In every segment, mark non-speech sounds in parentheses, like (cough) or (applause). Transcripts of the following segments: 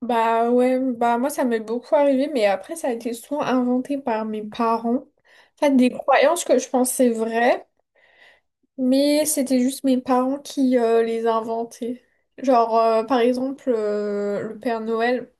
Bah ouais, bah moi ça m'est beaucoup arrivé, mais après ça a été souvent inventé par mes parents. En fait, des croyances que je pensais vraies, mais c'était juste mes parents qui les inventaient. Genre, par exemple, le Père Noël.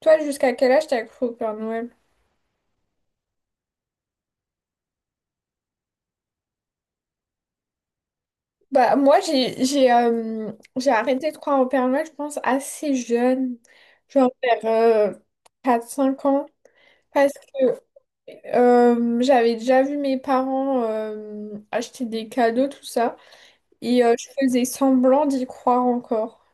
Toi, jusqu'à quel âge t'as cru au Père Noël? Bah moi j'ai arrêté de croire au Père Noël, je pense, assez jeune. Genre vers 4-5 ans. Parce que j'avais déjà vu mes parents acheter des cadeaux, tout ça, et je faisais semblant d'y croire encore.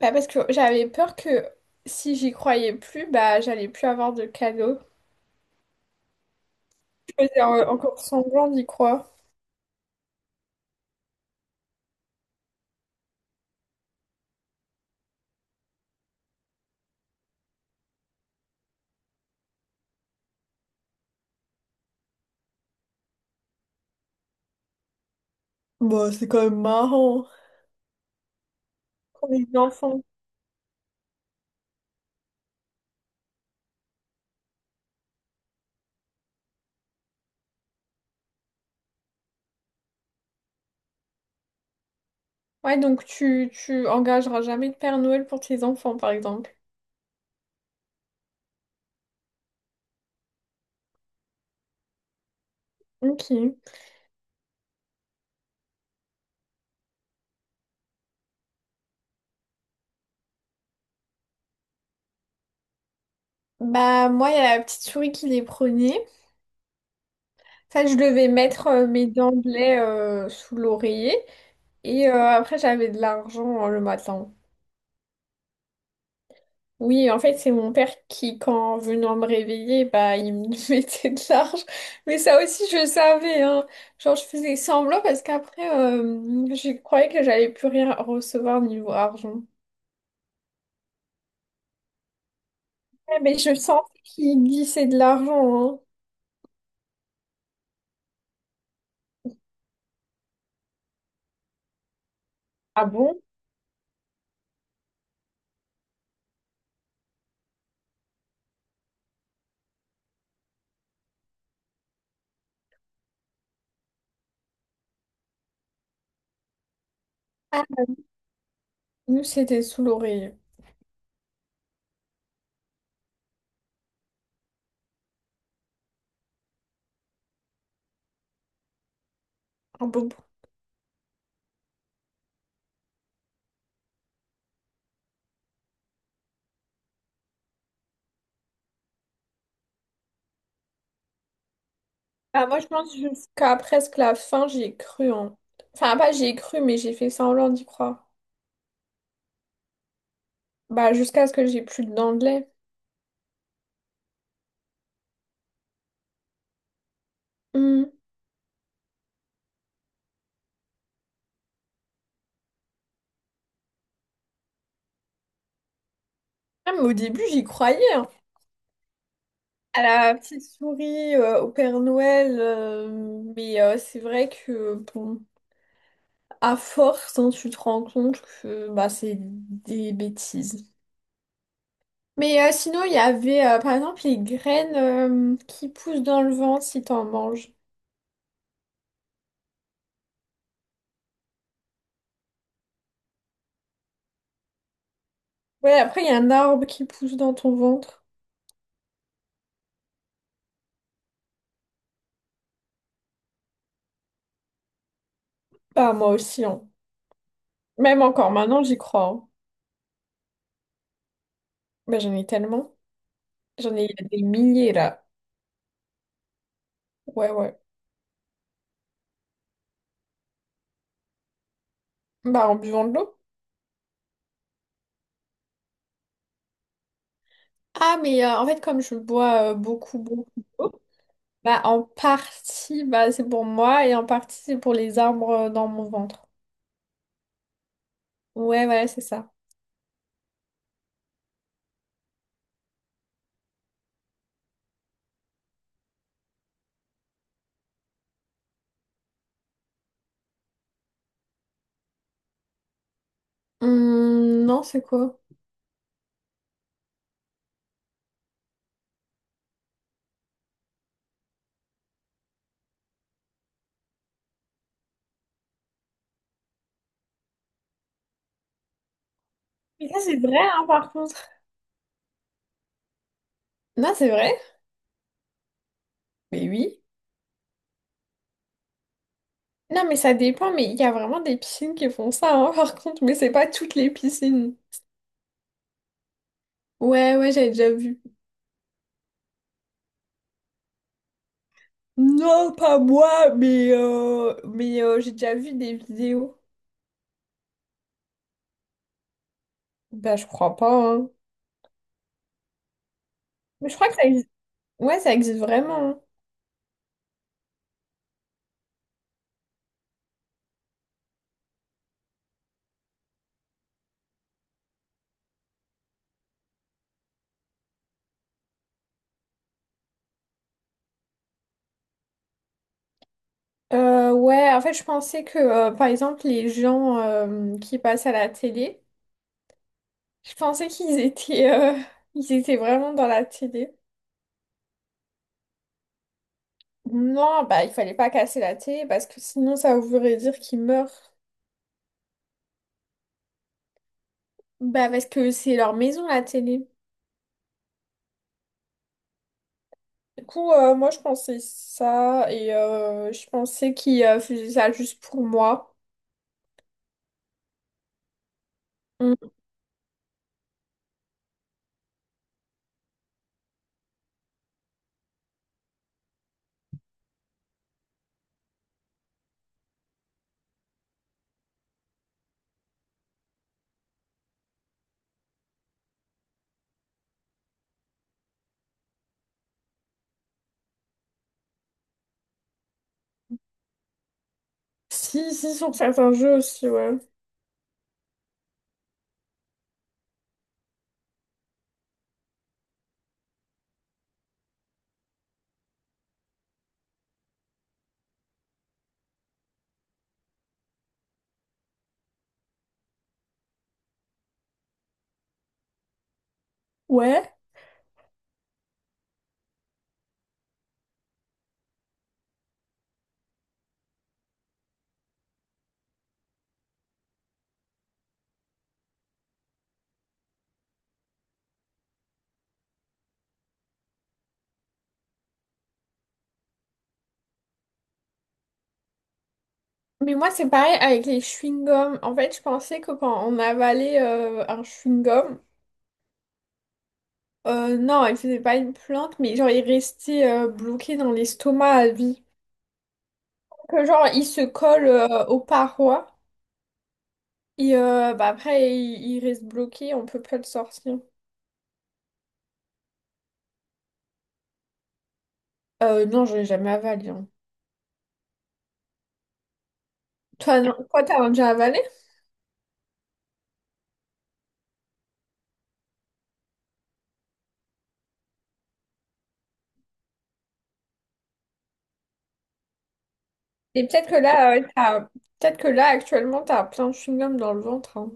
Bah, parce que j'avais peur que si j'y croyais plus, bah j'allais plus avoir de cadeaux. Je faisais encore semblant d'y croire. Bah, c'est quand même marrant. Pour les enfants. Ouais, donc tu engageras jamais de Père Noël pour tes enfants, par exemple. Ok. Bah, moi, il y a la petite souris qui les prenait. Ça, je devais mettre mes dents de lait sous l'oreiller. Et après, j'avais de l'argent le matin. Oui, en fait, c'est mon père qui, quand venant me réveiller, bah, il me (laughs) mettait de l'argent. Mais ça aussi, je savais, hein. Genre, je faisais semblant parce qu'après, je croyais que j'allais plus rien recevoir niveau argent. Ouais, mais je sentais qu'il glissait de l'argent, hein. Ah bon? Ah, nous, c'était sous l'oreille. Ah bon. Bon. Ah, moi, je pense jusqu'à presque la fin, j'ai cru, hein. Enfin, pas j'ai cru, mais j'ai fait semblant d'y croire. Bah, jusqu'à ce que j'ai plus de dents de lait. Hmm. Ah, mais au début, j'y croyais, hein. À la petite souris, au Père Noël, mais c'est vrai que, bon, à force, hein, tu te rends compte que bah, c'est des bêtises. Mais sinon, il y avait, par exemple, les graines qui poussent dans le ventre si t'en manges. Ouais, après, il y a un arbre qui pousse dans ton ventre. Bah, moi aussi, hein. Même encore maintenant, j'y crois, hein. Bah, j'en ai tellement. J'en ai des milliers, là. Ouais, ouais. Bah, en buvant de l'eau. Ah, mais en fait, comme je bois beaucoup, beaucoup d'eau, bah, en partie, bah, c'est pour moi et en partie, c'est pour les arbres dans mon ventre. Ouais, voilà c'est ça. Non, c'est quoi? Mais ça, c'est vrai, hein, par contre. Non, c'est vrai? Mais oui. Non, mais ça dépend, mais il y a vraiment des piscines qui font ça, hein, (laughs) par contre, mais c'est pas toutes les piscines. Ouais, ouais, j'avais déjà vu. Non, pas moi, mais, j'ai déjà vu des vidéos. Bah, je crois pas, hein. Mais je crois que ça existe. Ouais, ça existe vraiment, hein. Ouais, en fait, je pensais que, par exemple, les gens qui passent à la télé, je pensais qu'ils étaient, (laughs) ils étaient vraiment dans la télé. Non, bah, il fallait pas casser la télé parce que sinon, ça voudrait dire qu'ils meurent. Bah, parce que c'est leur maison, la télé. Du coup, moi, je pensais ça et je pensais qu'ils faisaient ça juste pour moi. Mm. Si, si, sur certains jeux aussi, ouais. Ouais. Mais moi, c'est pareil avec les chewing-gums. En fait, je pensais que quand on avalait un chewing-gum, non, il faisait pas une plante, mais genre, il restait bloqué dans l'estomac à vie. Que genre, il se colle aux parois et bah, après, il reste bloqué, on peut pas le sortir. Non, je l'ai jamais avalé, hein. Toi, non, toi, t'as déjà avalé? Et peut-être que là, peut-être que là, actuellement, t'as plein de chewing-gum dans le ventre, hein.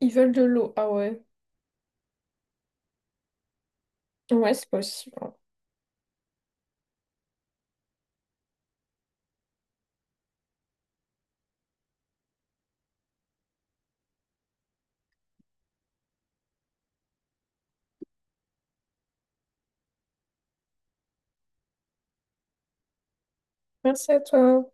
Ils veulent de l'eau. Ah ouais. Ouais, c'est possible, hein. Merci à toi.